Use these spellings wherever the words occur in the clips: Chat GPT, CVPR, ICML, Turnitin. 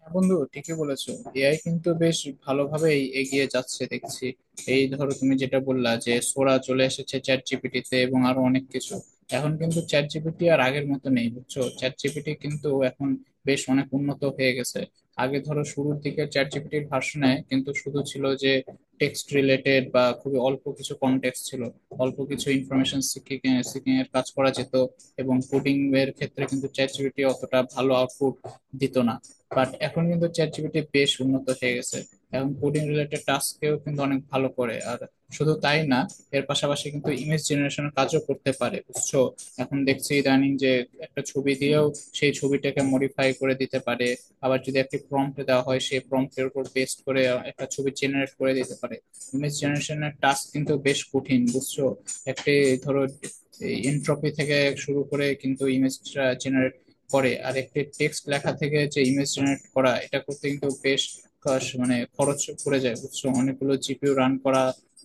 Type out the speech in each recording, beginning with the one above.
হ্যাঁ বন্ধু, ঠিকই বলেছো। এআই কিন্তু বেশ ভালোভাবেই এগিয়ে যাচ্ছে দেখছি। এই ধরো তুমি যেটা বললা যে সোরা চলে এসেছে চ্যাট জিপিটিতে এবং আরো অনেক কিছু। এখন কিন্তু চ্যাট জিপিটি আর আগের মতো নেই, বুঝছো? চ্যাট জিপিটি কিন্তু এখন বেশ অনেক উন্নত হয়ে গেছে। আগে ধরো শুরুর দিকে চ্যাট জিপিটির ভার্সনে কিন্তু শুধু ছিল যে টেক্সট রিলেটেড বা খুবই অল্প কিছু কনটেক্সট ছিল, অল্প কিছু ইনফরমেশন সিকিং সিকিং এর কাজ করা যেত। এবং কোডিং এর ক্ষেত্রে কিন্তু চ্যাট জিপিটি অতটা ভালো আউটপুট দিত না। বাট এখন কিন্তু চ্যাট জিপিটি বেশ উন্নত হয়ে গেছে। এখন কোডিং রিলেটেড টাস্কেও কিন্তু অনেক ভালো করে আর শুধু তাই না, এর পাশাপাশি কিন্তু ইমেজ জেনারেশনের কাজও করতে পারে, বুঝছো। এখন দেখছি ইদানিং যে একটা ছবি দিয়েও সেই ছবিটাকে মডিফাই করে দিতে পারে। আবার যদি একটি প্রম্পট দেওয়া হয় সেই প্রম্পটের উপর বেস করে একটা ছবি জেনারেট করে দিতে পারে। ইমেজ জেনারেশনের টাস্ক কিন্তু বেশ কঠিন, বুঝছো। একটি ধরো এনট্রপি থেকে শুরু করে কিন্তু ইমেজটা জেনারেট করে, আর একটি টেক্সট লেখা থেকে যে ইমেজ জেনারেট করা, এটা করতে কিন্তু বেশ খরচ- মানে খরচ পড়ে যায়, বুঝছো। অনেকগুলো জিপিইউ রান করা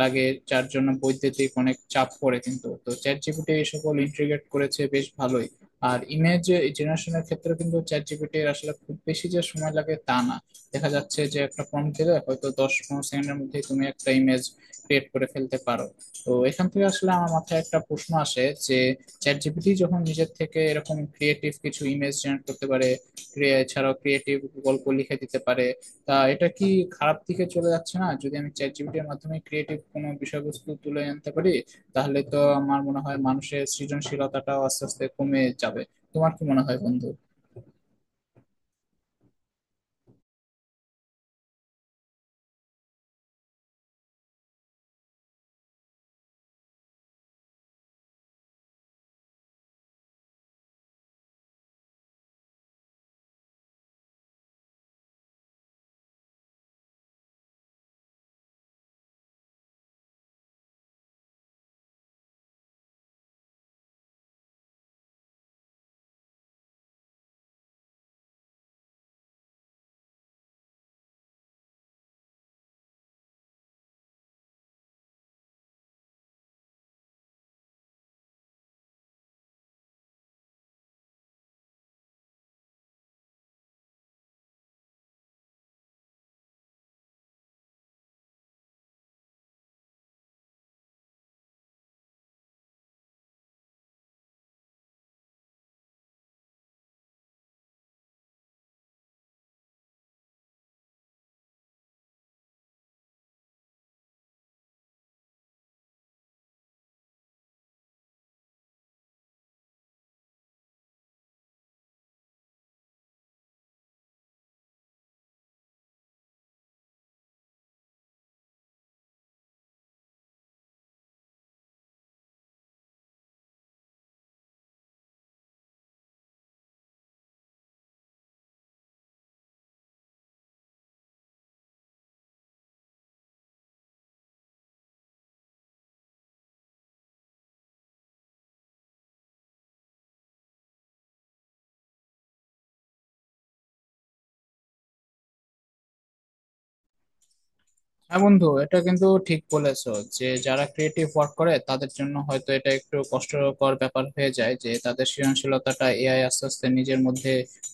লাগে, যার জন্য বৈদ্যুতিক অনেক চাপ পড়ে, কিন্তু তো চ্যাট জিপিটি এই সকল ইন্টিগ্রেট করেছে বেশ ভালোই। আর ইমেজ জেনারেশনের ক্ষেত্রে কিন্তু চ্যাট জিপিটির আসলে খুব বেশি যে সময় লাগে তা না। দেখা যাচ্ছে যে একটা প্রম্পট দিলে হয়তো 10-15 সেকেন্ডের মধ্যেই তুমি একটা ইমেজ ক্রিয়েট করে ফেলতে পারো। তো এখান থেকে আসলে আমার মাথায় একটা প্রশ্ন আসে যে চ্যাট জিপিটি যখন নিজের থেকে এরকম ক্রিয়েটিভ কিছু ইমেজ জেনারেট করতে পারে, এছাড়াও ক্রিয়েটিভ গল্প লিখে দিতে পারে, তা এটা কি খারাপ দিকে চলে যাচ্ছে না? যদি আমি চ্যাট জিপিটির মাধ্যমে ক্রিয়েটিভ কোনো বিষয়বস্তু তুলে আনতে পারি তাহলে তো আমার মনে হয় মানুষের সৃজনশীলতাটাও আস্তে আস্তে কমে যাবে। তোমার কি মনে হয় বন্ধু? হ্যাঁ বন্ধু, এটা কিন্তু ঠিক বলেছো যে যারা ক্রিয়েটিভ ওয়ার্ক করে তাদের জন্য হয়তো এটা একটু কষ্টকর ব্যাপার হয়ে যায় যে তাদের সৃজনশীলতাটা এআই আস্তে আস্তে নিজের মধ্যে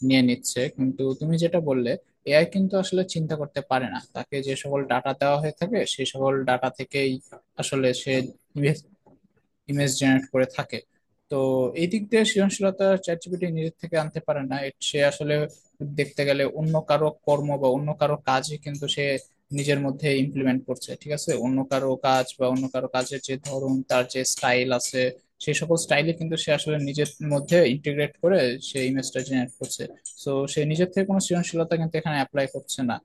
নিয়ে নিচ্ছে। কিন্তু তুমি যেটা বললে, এআই কিন্তু আসলে চিন্তা করতে পারে না, তাকে যে সকল ডাটা দেওয়া হয়ে থাকে সেই সকল ডাটা থেকেই আসলে সে ইমেজ জেনারেট করে থাকে। তো এই দিক দিয়ে সৃজনশীলতা চ্যাট জিপিটি নিজের থেকে আনতে পারে না। সে আসলে দেখতে গেলে অন্য কারো কর্ম বা অন্য কারো কাজই কিন্তু সে নিজের মধ্যে ইমপ্লিমেন্ট করছে। ঠিক আছে, অন্য কারো কাজ বা অন্য কারো কাজের যে ধরন, তার যে স্টাইল আছে, সেই সকল স্টাইলে কিন্তু সে আসলে নিজের মধ্যে ইন্টিগ্রেট করে সে ইমেজটা জেনারেট করছে। সো সে নিজের থেকে কোনো সৃজনশীলতা কিন্তু এখানে অ্যাপ্লাই করছে না।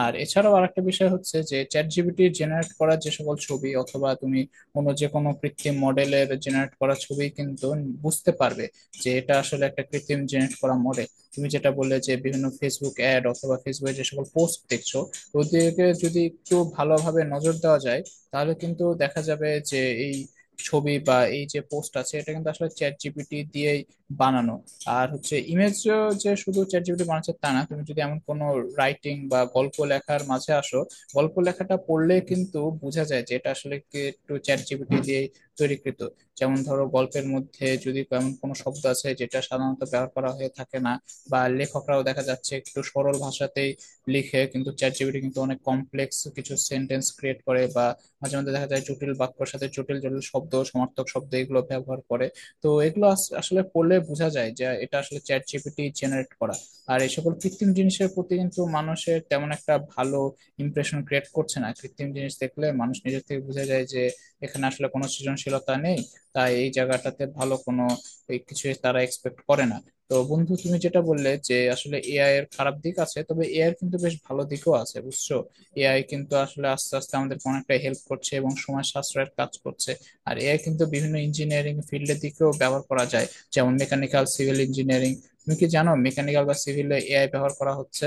আর এছাড়াও আরেকটা বিষয় হচ্ছে যে চ্যাট জিপিটি জেনারেট করা যে সকল ছবি অথবা তুমি কোনো যে কোনো কৃত্রিম মডেলের জেনারেট করা ছবি কিন্তু বুঝতে পারবে যে এটা আসলে একটা কৃত্রিম জেনারেট করা মডেল। তুমি যেটা বললে যে বিভিন্ন ফেসবুক অ্যাড অথবা ফেসবুকে যে সকল পোস্ট দেখছো, ওদিকে যদি একটু ভালোভাবে নজর দেওয়া যায় তাহলে কিন্তু দেখা যাবে যে এই ছবি বা এই যে পোস্ট আছে, এটা কিন্তু আসলে চ্যাট জিপিটি দিয়েই বানানো। আর হচ্ছে ইমেজ যে শুধু চ্যাট জিপিটি বানাচ্ছে তা না, তুমি যদি এমন কোনো রাইটিং বা গল্প লেখার মাঝে আসো, গল্প লেখাটা পড়লে কিন্তু বোঝা যায় যে এটা আসলে কি একটু চ্যাট জিপিটি দিয়ে তৈরিকৃত। যেমন ধরো গল্পের মধ্যে যদি এমন কোনো শব্দ আছে যেটা সাধারণত ব্যবহার করা হয়ে থাকে না, বা লেখকরাও দেখা যাচ্ছে একটু সরল ভাষাতেই লিখে, কিন্তু চ্যাট জিপিটি কিন্তু অনেক কমপ্লেক্স কিছু সেন্টেন্স ক্রিয়েট করে, বা মাঝে মধ্যে দেখা যায় জটিল বাক্যর সাথে জটিল জটিল শব্দ, সমার্থক শব্দ এগুলো ব্যবহার করে। তো এগুলো আসলে পড়লে বোঝা যায় যে এটা আসলে চ্যাট জিপিটি জেনারেট করা। আর এই সকল কৃত্রিম জিনিসের প্রতি কিন্তু মানুষের তেমন একটা ভালো ইমপ্রেশন ক্রিয়েট করছে না। কৃত্রিম জিনিস দেখলে মানুষ নিজের থেকে বুঝে যায় যে এখানে আসলে কোনো সৃজনশীলতা নেই। তাই এই জায়গাটাতে ভালো কোনো এই কিছু তারা এক্সপেক্ট করে না। তো বন্ধু তুমি যেটা বললে যে আসলে এআই এর খারাপ দিক আছে, তবে এআই এর কিন্তু বেশ ভালো দিকও আছে, বুঝছো। এআই কিন্তু আসলে আস্তে আস্তে আমাদের অনেকটা হেল্প করছে এবং সময় সাশ্রয়ের কাজ করছে। আর এআই কিন্তু বিভিন্ন ইঞ্জিনিয়ারিং ফিল্ডের দিকেও ব্যবহার করা যায়, যেমন মেকানিক্যাল, সিভিল ইঞ্জিনিয়ারিং। তুমি কি জানো মেকানিক্যাল বা সিভিলে এআই ব্যবহার করা হচ্ছে?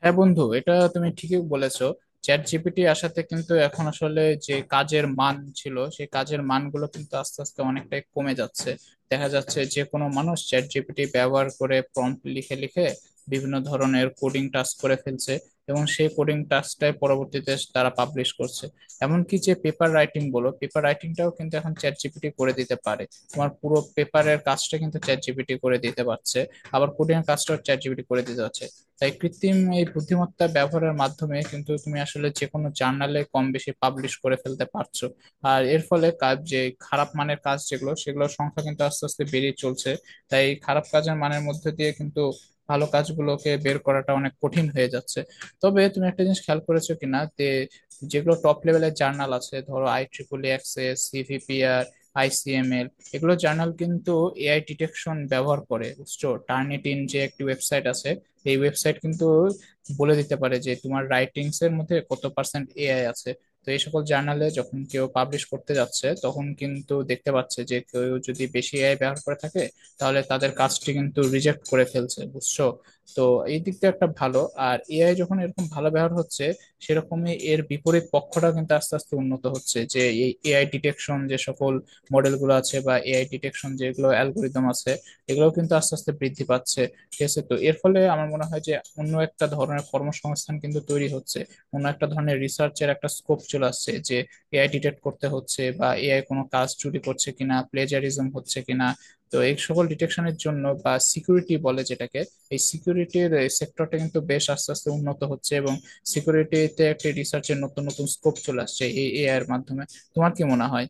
হ্যাঁ বন্ধু, এটা তুমি ঠিকই বলেছো। চ্যাট জিপিটি আসাতে কিন্তু এখন আসলে যে কাজের মান ছিল, সেই কাজের মানগুলো কিন্তু আস্তে আস্তে অনেকটাই কমে যাচ্ছে। দেখা যাচ্ছে যে কোনো মানুষ চ্যাট জিপিটি ব্যবহার করে প্রম্পট লিখে লিখে বিভিন্ন ধরনের কোডিং টাস্ক করে ফেলছে, এবং সেই কোডিং টাস্কটাই পরবর্তীতে তারা পাবলিশ করছে। এমনকি যে পেপার রাইটিং বলো, পেপার রাইটিংটাও কিন্তু এখন চ্যাট জিপিটি করে দিতে পারে। তোমার পুরো পেপারের কাজটা কিন্তু চ্যাট জিপিটি করে দিতে পারছে, আবার কোডিং এর কাজটাও চ্যাট জিপিটি করে দিতে পারছে। তাই কৃত্রিম এই বুদ্ধিমত্তা ব্যবহারের মাধ্যমে কিন্তু তুমি আসলে যে কোনো জার্নালে কম বেশি পাবলিশ করে ফেলতে পারছো। আর এর ফলে কাজ যে, খারাপ মানের কাজ যেগুলো সেগুলোর সংখ্যা কিন্তু আস্তে আস্তে বেড়ে চলছে। তাই খারাপ কাজের মানের মধ্যে দিয়ে কিন্তু ভালো কাজগুলোকে বের করাটা অনেক কঠিন হয়ে যাচ্ছে। তবে তুমি একটা জিনিস খেয়াল করেছো কিনা যে যেগুলো টপ লেভেলের জার্নাল আছে, ধরো আই ট্রিপল এক্সএস, সিভিপিআর, আইসিএমএল, এগুলো জার্নাল কিন্তু এআই ডিটেকশন ব্যবহার করে, বুঝছো। টার্নিটিন যে একটি ওয়েবসাইট আছে, এই ওয়েবসাইট কিন্তু বলে দিতে পারে যে তোমার রাইটিংস এর মধ্যে কত পার্সেন্ট এআই আছে। তো এই সকল জার্নালে যখন কেউ পাবলিশ করতে যাচ্ছে, তখন কিন্তু দেখতে পাচ্ছে যে কেউ যদি বেশি এআই ব্যবহার করে থাকে তাহলে তাদের কাজটি কিন্তু রিজেক্ট করে ফেলছে, বুঝছো। তো এই দিকটা একটা ভালো। আর এআই যখন এরকম ভালো ব্যবহার হচ্ছে, সেরকমই এর বিপরীত পক্ষটা কিন্তু আস্তে আস্তে উন্নত হচ্ছে, যে এই এআই ডিটেকশন যে সকল মডেলগুলো আছে বা এআই ডিটেকশন যেগুলো অ্যালগোরিদম আছে, এগুলো কিন্তু আস্তে আস্তে বৃদ্ধি পাচ্ছে। ঠিক আছে, তো এর ফলে আমার মনে হয় যে অন্য একটা ধরনের কর্মসংস্থান কিন্তু তৈরি হচ্ছে, অন্য একটা ধরনের রিসার্চের একটা স্কোপ চলে আসছে, যে এআই ডিটেক্ট করতে হচ্ছে বা এআই কোনো কাজ চুরি করছে কিনা, প্লেজারিজম হচ্ছে কিনা। তো এই সকল ডিটেকশনের জন্য বা সিকিউরিটি বলে যেটাকে, এই সিকিউরিটির সেক্টরটা কিন্তু বেশ আস্তে আস্তে উন্নত হচ্ছে এবং সিকিউরিটিতে একটি রিসার্চের নতুন নতুন স্কোপ চলে আসছে এই এআই এর মাধ্যমে। তোমার কি মনে হয়?